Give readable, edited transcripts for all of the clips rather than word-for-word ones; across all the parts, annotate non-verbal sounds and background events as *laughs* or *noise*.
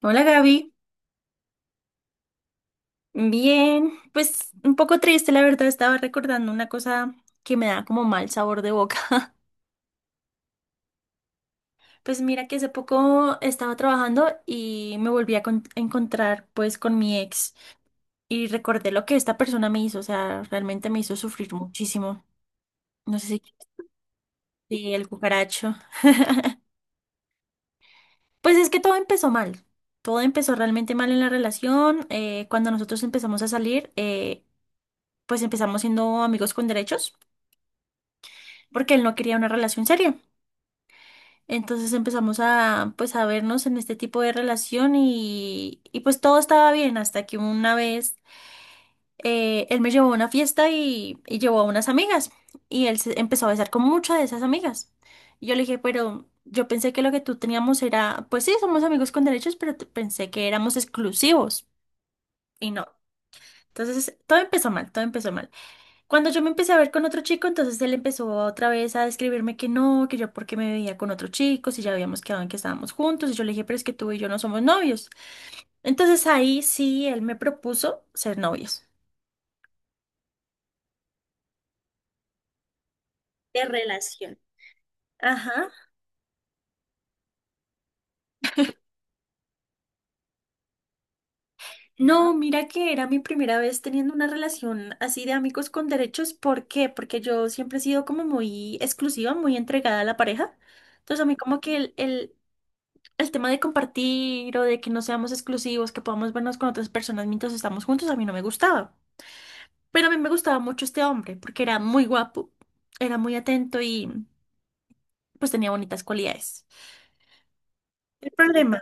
Hola Gaby, bien, pues un poco triste, la verdad, estaba recordando una cosa que me da como mal sabor de boca. *laughs* Pues mira que hace poco estaba trabajando y me volví a a encontrar pues con mi ex y recordé lo que esta persona me hizo, o sea, realmente me hizo sufrir muchísimo. No sé si, si el cucaracho. Pues es que todo empezó mal, todo empezó realmente mal en la relación. Cuando nosotros empezamos a salir, pues empezamos siendo amigos con derechos porque él no quería una relación seria. Entonces empezamos a, pues, a vernos en este tipo de relación y pues todo estaba bien hasta que una vez él me llevó a una fiesta y llevó a unas amigas y él se empezó a besar con muchas de esas amigas. Y yo le dije, pero yo pensé que lo que tú teníamos era, pues sí, somos amigos con derechos, pero pensé que éramos exclusivos y no. Entonces todo empezó mal, todo empezó mal. Cuando yo me empecé a ver con otro chico, entonces él empezó otra vez a describirme que no, que yo porque me veía con otro chico, si ya habíamos quedado en que estábamos juntos, y yo le dije, pero es que tú y yo no somos novios. Entonces ahí sí, él me propuso ser novios. De relación. Ajá. No, mira que era mi primera vez teniendo una relación así de amigos con derechos. ¿Por qué? Porque yo siempre he sido como muy exclusiva, muy entregada a la pareja. Entonces a mí como que el tema de compartir o de que no seamos exclusivos, que podamos vernos con otras personas mientras estamos juntos, a mí no me gustaba. Pero a mí me gustaba mucho este hombre porque era muy guapo, era muy atento y pues tenía bonitas cualidades. El problema,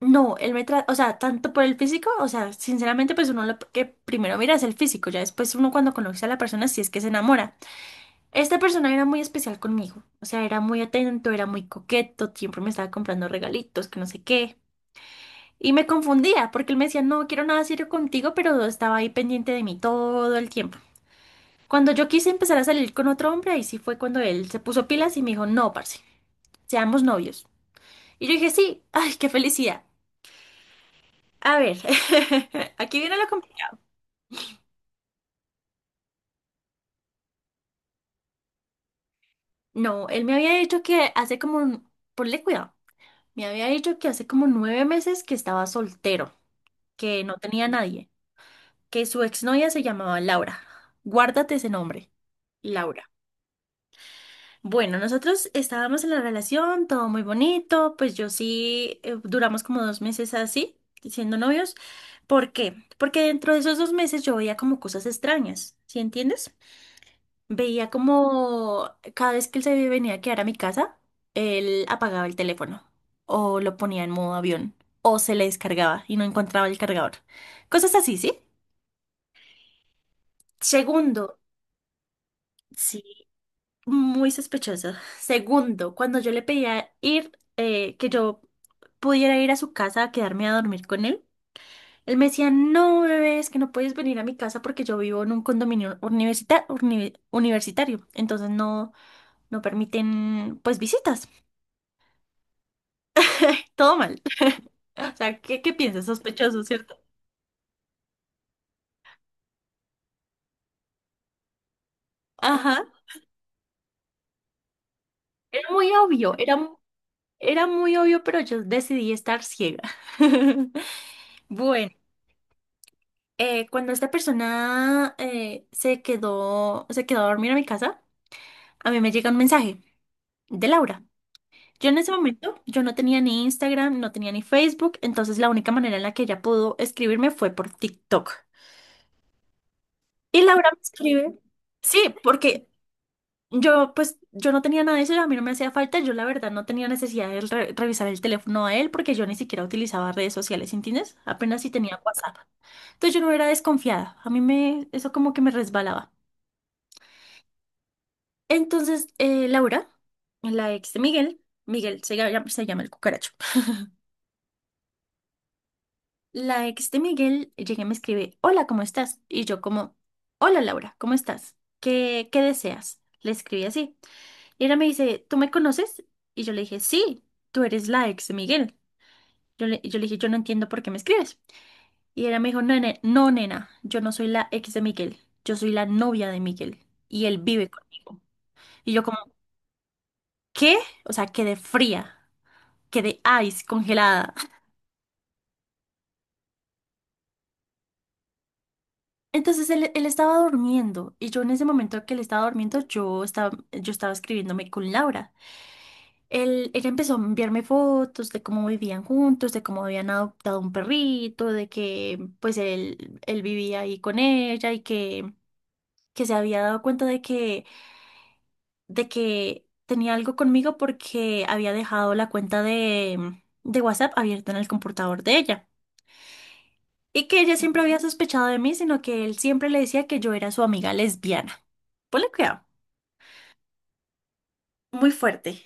no, él me trata, o sea, tanto por el físico, o sea, sinceramente pues uno lo que primero mira es el físico, ya después uno cuando conoce a la persona si es que se enamora. Esta persona era muy especial conmigo, o sea, era muy atento, era muy coqueto, siempre me estaba comprando regalitos, que no sé qué. Y me confundía porque él me decía, no quiero nada serio contigo, pero estaba ahí pendiente de mí todo el tiempo. Cuando yo quise empezar a salir con otro hombre, ahí sí fue cuando él se puso pilas y me dijo, no, parce, seamos novios. Y yo dije, sí, ay, qué felicidad. A ver, *laughs* aquí viene la complicada. No, él me había dicho que hace como, ponle cuidado, me había dicho que hace como 9 meses que estaba soltero, que no tenía nadie, que su exnovia se llamaba Laura. Guárdate ese nombre, Laura. Bueno, nosotros estábamos en la relación, todo muy bonito, pues yo sí duramos como 2 meses así, siendo novios. ¿Por qué? Porque dentro de esos 2 meses yo veía como cosas extrañas, ¿sí entiendes? Veía como cada vez que él se venía a quedar a mi casa, él apagaba el teléfono o lo ponía en modo avión o se le descargaba y no encontraba el cargador. Cosas así, ¿sí? Segundo, sí. Muy sospechoso. Segundo, cuando yo le pedía ir, que yo pudiera ir a su casa a quedarme a dormir con él, él me decía, no, bebé, es que no puedes venir a mi casa porque yo vivo en un condominio universitario, entonces no, no permiten, pues, visitas. Todo mal. *laughs* O sea, ¿qué, qué piensas? Sospechoso, ¿cierto? Ajá. Era muy obvio, era muy obvio, pero yo decidí estar ciega. *laughs* Bueno. Cuando esta persona se quedó a dormir a mi casa, a mí me llega un mensaje de Laura. Yo en ese momento, yo no tenía ni Instagram, no tenía ni Facebook, entonces la única manera en la que ella pudo escribirme fue por TikTok. Y Laura me escribe, sí, porque yo pues yo no tenía nada de eso, a mí no me hacía falta, yo la verdad no tenía necesidad de revisar el teléfono a él porque yo ni siquiera utilizaba redes sociales, ¿entiendes? Apenas si tenía WhatsApp. Entonces yo no era desconfiada, a mí me, eso como que me resbalaba. Entonces, Laura, la ex de Miguel, Miguel se llama el cucaracho. La ex de Miguel llega y me escribe, hola, ¿cómo estás? Y yo como, hola, Laura, ¿cómo estás? ¿Qué, qué deseas? Le escribí así. Y ella me dice, ¿tú me conoces? Y yo le dije, sí, tú eres la ex de Miguel. Yo le dije, yo no entiendo por qué me escribes. Y ella me dijo, no, nena, no, nena, yo no soy la ex de Miguel, yo soy la novia de Miguel y él vive conmigo. Y yo como, ¿qué? O sea, quedé fría. Quedé ice, congelada. Entonces él estaba durmiendo y yo en ese momento que él estaba durmiendo, yo estaba escribiéndome con Laura. Él empezó a enviarme fotos de cómo vivían juntos, de cómo habían adoptado un perrito, de que pues él vivía ahí con ella y que se había dado cuenta de que tenía algo conmigo porque había dejado la cuenta de WhatsApp abierta en el computador de ella. Y que ella siempre había sospechado de mí, sino que él siempre le decía que yo era su amiga lesbiana. Ponle cuidado. Muy fuerte.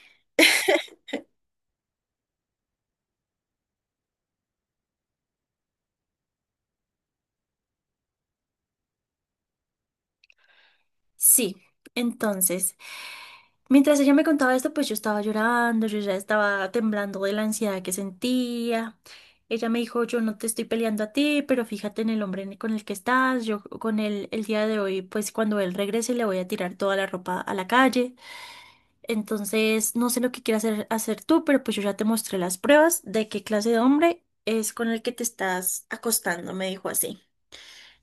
Sí, entonces, mientras ella me contaba esto, pues yo estaba llorando, yo ya estaba temblando de la ansiedad que sentía. Ella me dijo, yo no te estoy peleando a ti, pero fíjate en el hombre con el que estás, yo con él el día de hoy, pues cuando él regrese le voy a tirar toda la ropa a la calle. Entonces, no sé lo que quieras hacer, hacer tú, pero pues yo ya te mostré las pruebas de qué clase de hombre es con el que te estás acostando, me dijo así.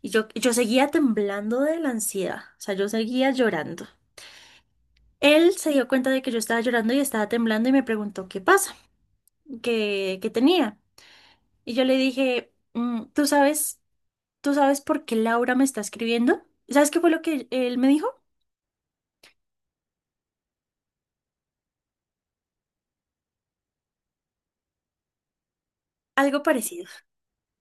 Y yo seguía temblando de la ansiedad, o sea, yo seguía llorando. Él se dio cuenta de que yo estaba llorando y estaba temblando y me preguntó qué pasa, qué, qué tenía. Y yo le dije, "Mm, tú sabes por qué Laura me está escribiendo? ¿Sabes qué fue lo que él me dijo? Algo parecido.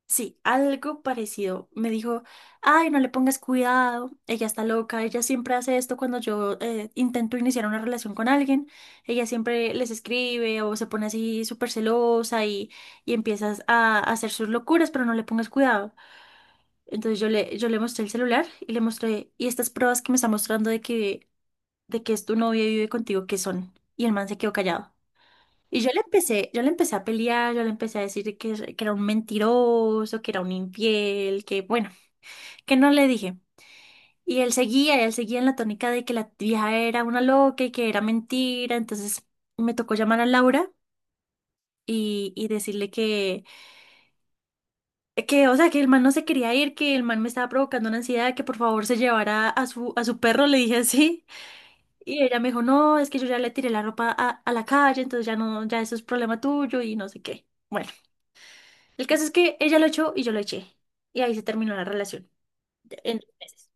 Sí, algo parecido. Me dijo, ay, no le pongas cuidado, ella está loca, ella siempre hace esto cuando yo intento iniciar una relación con alguien, ella siempre les escribe o se pone así súper celosa y empiezas a hacer sus locuras, pero no le pongas cuidado. Entonces yo le mostré el celular y le mostré, y estas pruebas que me está mostrando de que es tu novia y vive contigo, ¿qué son? Y el man se quedó callado. Yo le empecé a pelear, yo le empecé a decir que era un mentiroso, que era un infiel, que bueno, que no le dije. Y él seguía en la tónica de que la vieja era una loca y que era mentira. Entonces me tocó llamar a Laura y decirle que, o sea, que el man no se quería ir, que el man me estaba provocando una ansiedad, que por favor se llevara a su perro, le dije así. Y ella me dijo, no, es que yo ya le tiré la ropa a la calle, entonces ya no, ya eso es problema tuyo y no sé qué. Bueno. El caso es que ella lo echó y yo lo eché. Y ahí se terminó la relación. En 2 meses.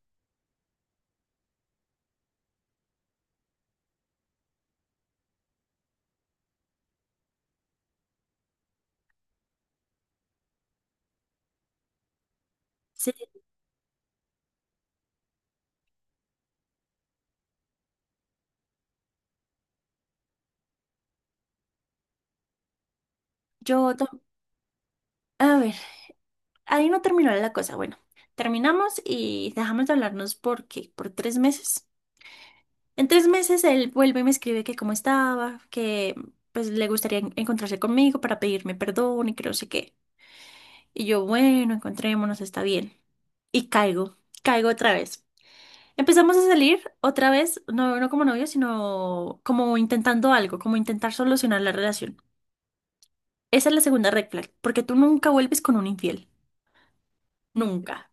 Sí, yo... tam- a ver, ahí no terminó la cosa. Bueno, terminamos y dejamos de hablarnos porque por 3 meses. En tres meses él vuelve y me escribe que cómo estaba, que pues le gustaría encontrarse conmigo para pedirme perdón y que no sé qué. Y yo, bueno, encontrémonos, está bien. Y caigo, caigo otra vez. Empezamos a salir otra vez, no, no como novios, sino como intentando algo, como intentar solucionar la relación. Esa es la segunda red flag, porque tú nunca vuelves con un infiel, nunca.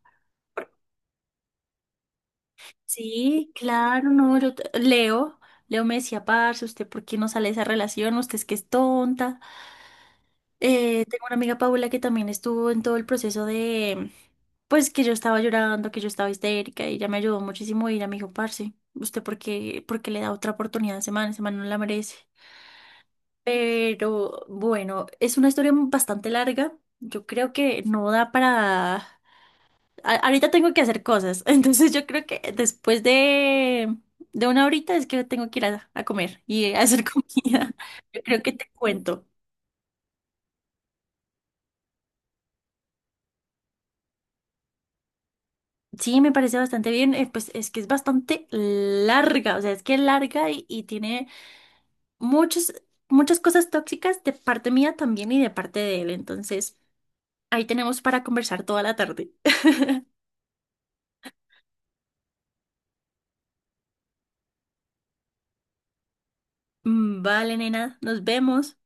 Por- Sí, claro, no, Leo, Leo me decía, parce, ¿usted por qué no sale de esa relación? Usted es que es tonta. Tengo una amiga Paula que también estuvo en todo el proceso de, pues que yo estaba llorando, que yo estaba histérica y ella me ayudó muchísimo y ella me dijo, parce, ¿usted por qué le da otra oportunidad a ese man? Ese man no la merece. Pero bueno, es una historia bastante larga. Yo creo que no da para... ahorita tengo que hacer cosas, *laughs* entonces yo creo que después de una horita es que tengo que ir a comer y a hacer *laughs* comida. Yo creo que te cuento. Sí, me parece bastante bien. Pues es que es bastante larga, o sea, es que es larga y tiene muchas muchas cosas tóxicas de parte mía también y de parte de él. Entonces, ahí tenemos para conversar toda la tarde. Mm, vale, nena, nos vemos.